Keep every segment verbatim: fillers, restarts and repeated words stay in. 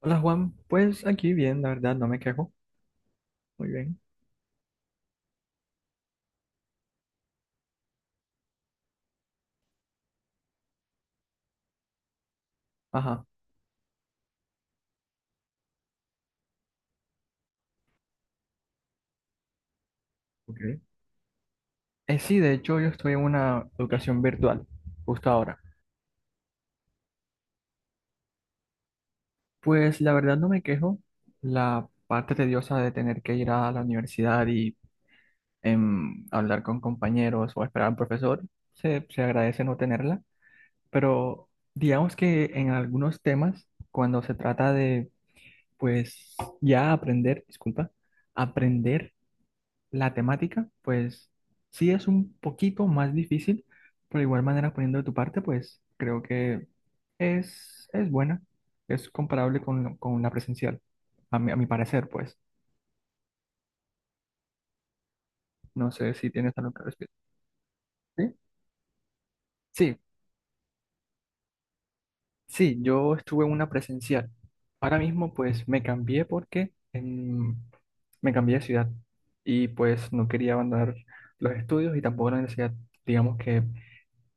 Hola Juan, pues aquí bien, la verdad, no me quejo. Muy bien. Ajá. Ok. Eh, sí, de hecho yo estoy en una educación virtual, justo ahora. Pues la verdad no me quejo. La parte tediosa de tener que ir a la universidad y em, hablar con compañeros o esperar al profesor, se, se agradece no tenerla. Pero digamos que en algunos temas, cuando se trata de, pues, ya aprender, disculpa, aprender. La temática, pues sí es un poquito más difícil, pero de igual manera poniendo de tu parte, pues creo que es, es buena, es comparable con, lo- con la presencial, a mi, a mi parecer, pues. No sé si tienes algo que respecto. ¿Sí? Sí, sí, yo estuve en una presencial. Ahora mismo, pues me cambié porque em, me cambié de ciudad y pues no quería abandonar los estudios y tampoco la universidad. Digamos que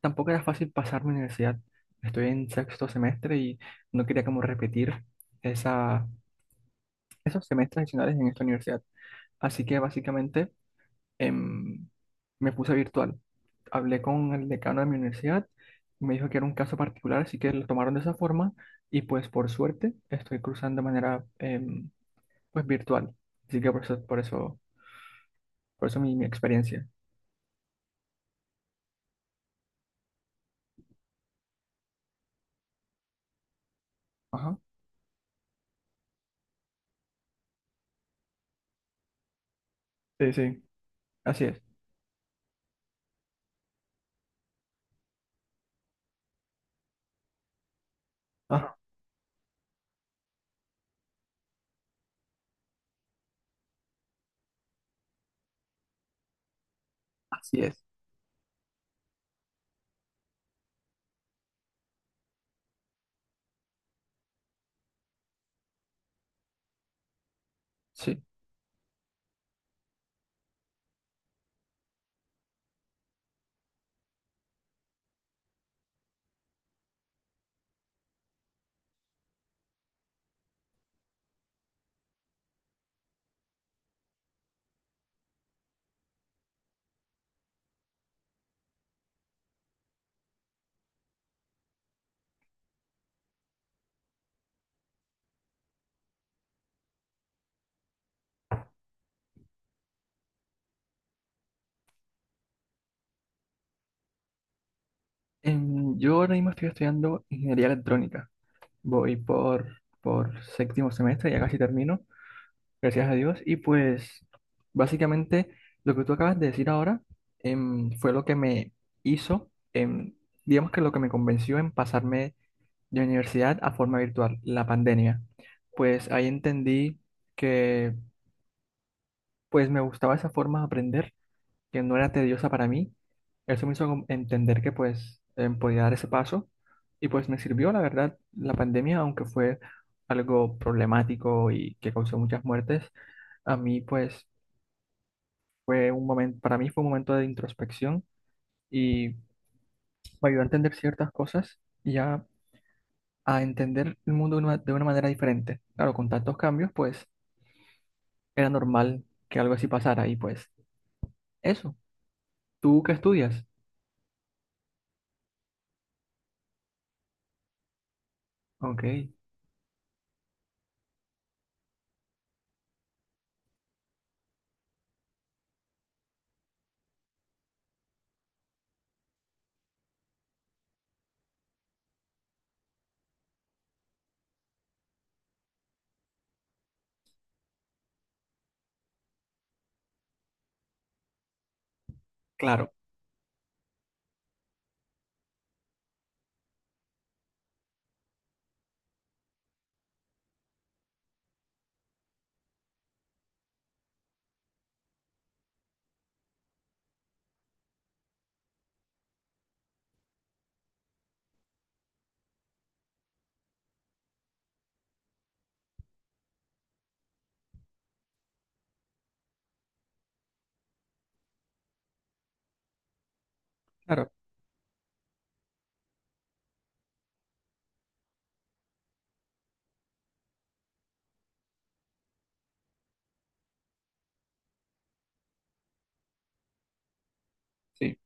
tampoco era fácil pasar mi universidad. Estoy en sexto semestre y no quería como repetir esa, esos semestres adicionales en esta universidad. Así que básicamente em, me puse virtual. Hablé con el decano de mi universidad, me dijo que era un caso particular, así que lo tomaron de esa forma y pues por suerte estoy cruzando de manera em, pues virtual. Así que por eso, por eso, por eso mi, mi experiencia. Ajá. Sí, sí, así es. Ajá. Así es. Sí. Em, yo ahora mismo estoy estudiando ingeniería electrónica. Voy por, por séptimo semestre, ya casi termino, gracias a Dios. Y pues básicamente lo que tú acabas de decir ahora em, fue lo que me hizo, em, digamos que lo que me convenció en pasarme de universidad a forma virtual, la pandemia. Pues ahí entendí que pues me gustaba esa forma de aprender que no era tediosa para mí. Eso me hizo como entender que pues eh, podía dar ese paso y pues me sirvió, la verdad, la pandemia, aunque fue algo problemático y que causó muchas muertes, a mí pues fue un momento, para mí fue un momento de introspección y me ayudó a entender ciertas cosas y a, a entender el mundo de una, de una manera diferente. Claro, con tantos cambios pues era normal que algo así pasara y pues eso, ¿tú qué estudias? Ok, claro, claro, sí.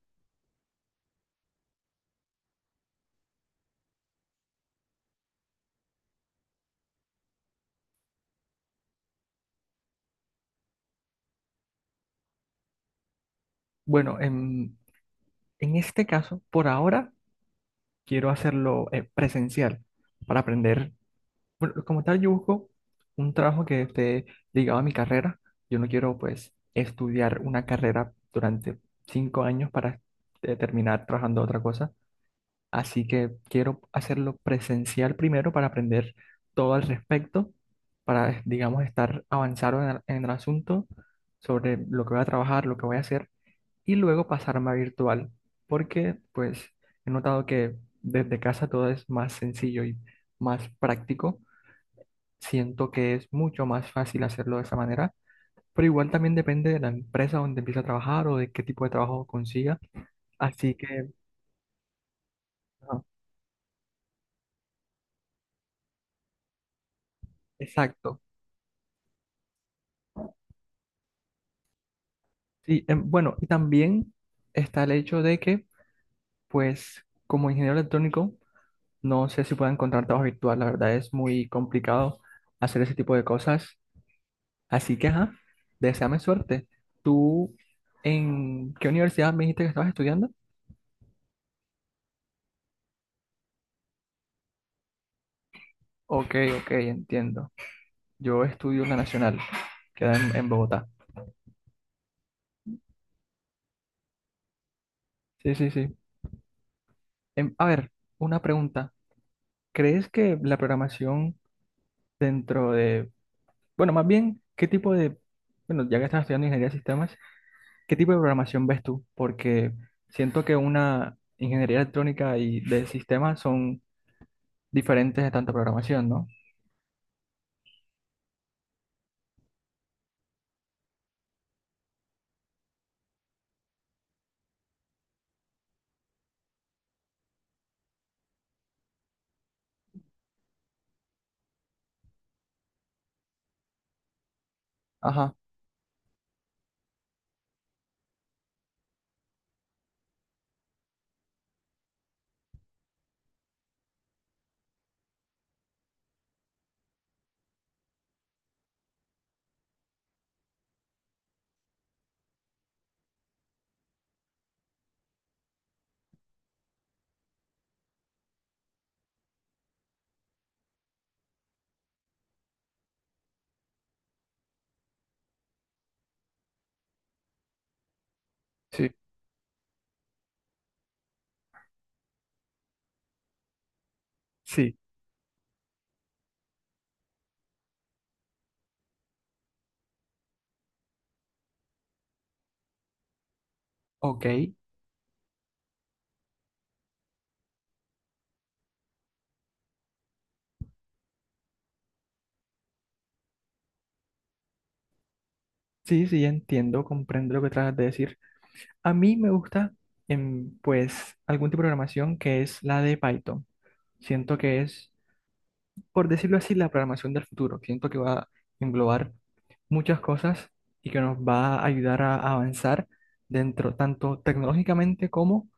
Bueno, en, en este caso, por ahora, quiero hacerlo eh, presencial para aprender. Bueno, como tal, yo busco un trabajo que esté ligado a mi carrera. Yo no quiero, pues, estudiar una carrera durante cinco años para eh, terminar trabajando otra cosa. Así que quiero hacerlo presencial primero para aprender todo al respecto, para, digamos, estar avanzado en el en el asunto sobre lo que voy a trabajar, lo que voy a hacer y luego pasarme a virtual, porque pues he notado que desde casa todo es más sencillo y más práctico. Siento que es mucho más fácil hacerlo de esa manera, pero igual también depende de la empresa donde empiece a trabajar o de qué tipo de trabajo consiga. Así que, ajá, exacto. Sí, em, bueno, y también está el hecho de que, pues, como ingeniero electrónico, no sé si puedo encontrar trabajo virtual, la verdad es muy complicado hacer ese tipo de cosas. Así que, ajá, deséame suerte. ¿Tú en qué universidad me dijiste que estabas estudiando? Ok, ok, entiendo. Yo estudio en la Nacional, queda en, en Bogotá. Sí, sí, sí. Em, a ver, una pregunta. ¿Crees que la programación dentro de, bueno, más bien, qué tipo de, bueno, ya que estás estudiando ingeniería de sistemas, qué tipo de programación ves tú? Porque siento que una ingeniería electrónica y de sistemas son diferentes de tanta programación, ¿no? Ajá, sí, sí. Ok, sí, sí, entiendo, comprendo lo que tratas de decir. A mí me gusta, em, pues, algún tipo de programación que es la de Python. Siento que es, por decirlo así, la programación del futuro. Siento que va a englobar muchas cosas y que nos va a ayudar a a avanzar dentro, tanto tecnológicamente como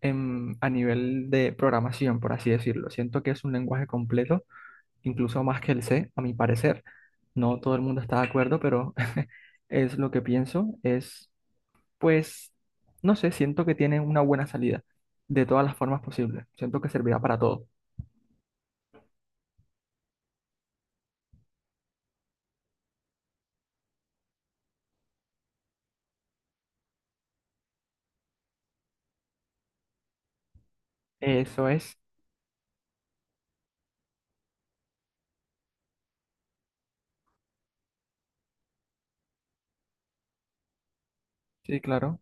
em, a nivel de programación, por así decirlo. Siento que es un lenguaje completo incluso más que el C, a mi parecer. No todo el mundo está de acuerdo, pero es lo que pienso. Es, pues, no sé, siento que tiene una buena salida de todas las formas posibles. Siento que servirá para todo. Eso es, sí, claro.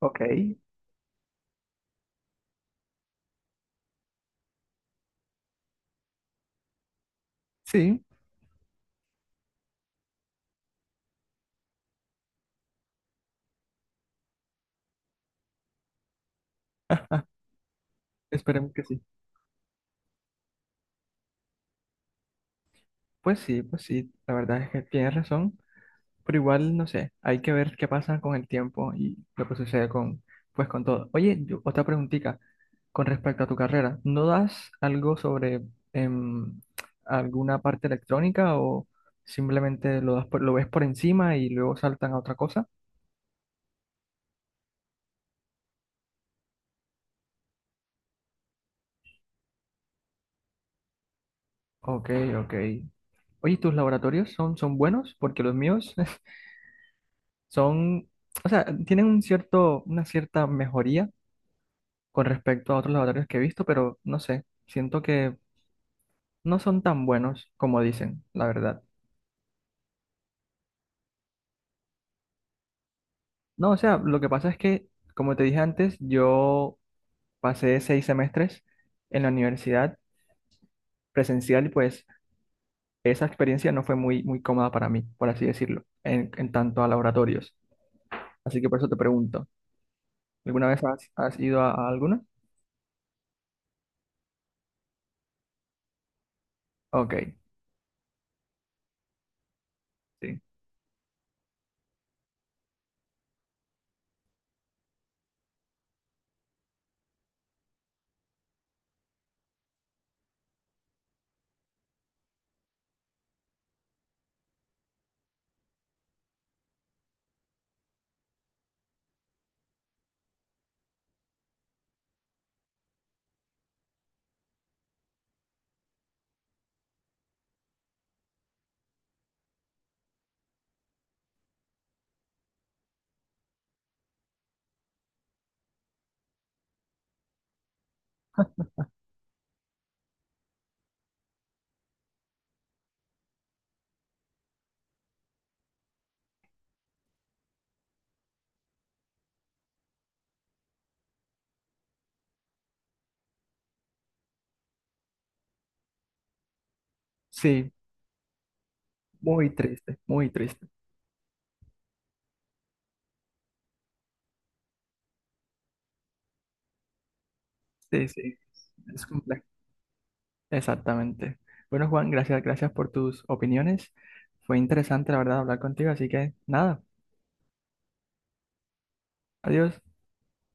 Ok, sí, esperemos que sí. Pues sí, pues sí, la verdad es que tienes razón. Pero igual, no sé, hay que ver qué pasa con el tiempo y lo que sucede con, pues, con todo. Oye, yo- otra preguntita con respecto a tu carrera. ¿No das algo sobre em, alguna parte electrónica o simplemente lo das por- lo ves por encima y luego saltan a otra cosa? Ok, ok. Oye, ¿tus laboratorios son, son buenos? Porque los míos son, o sea, tienen un cierto, una cierta mejoría con respecto a otros laboratorios que he visto, pero no sé, siento que no son tan buenos como dicen, la verdad. No, o sea, lo que pasa es que, como te dije antes, yo pasé seis semestres en la universidad presencial y pues esa experiencia no fue muy, muy cómoda para mí, por así decirlo, en, en tanto a laboratorios. Así que por eso te pregunto, ¿alguna vez has, has ido a, a alguna? Ok, sí. Sí, muy triste, muy triste. Sí, sí, es complejo. Exactamente. Bueno, Juan, gracias, gracias por tus opiniones. Fue interesante, la verdad, hablar contigo, así que nada, adiós.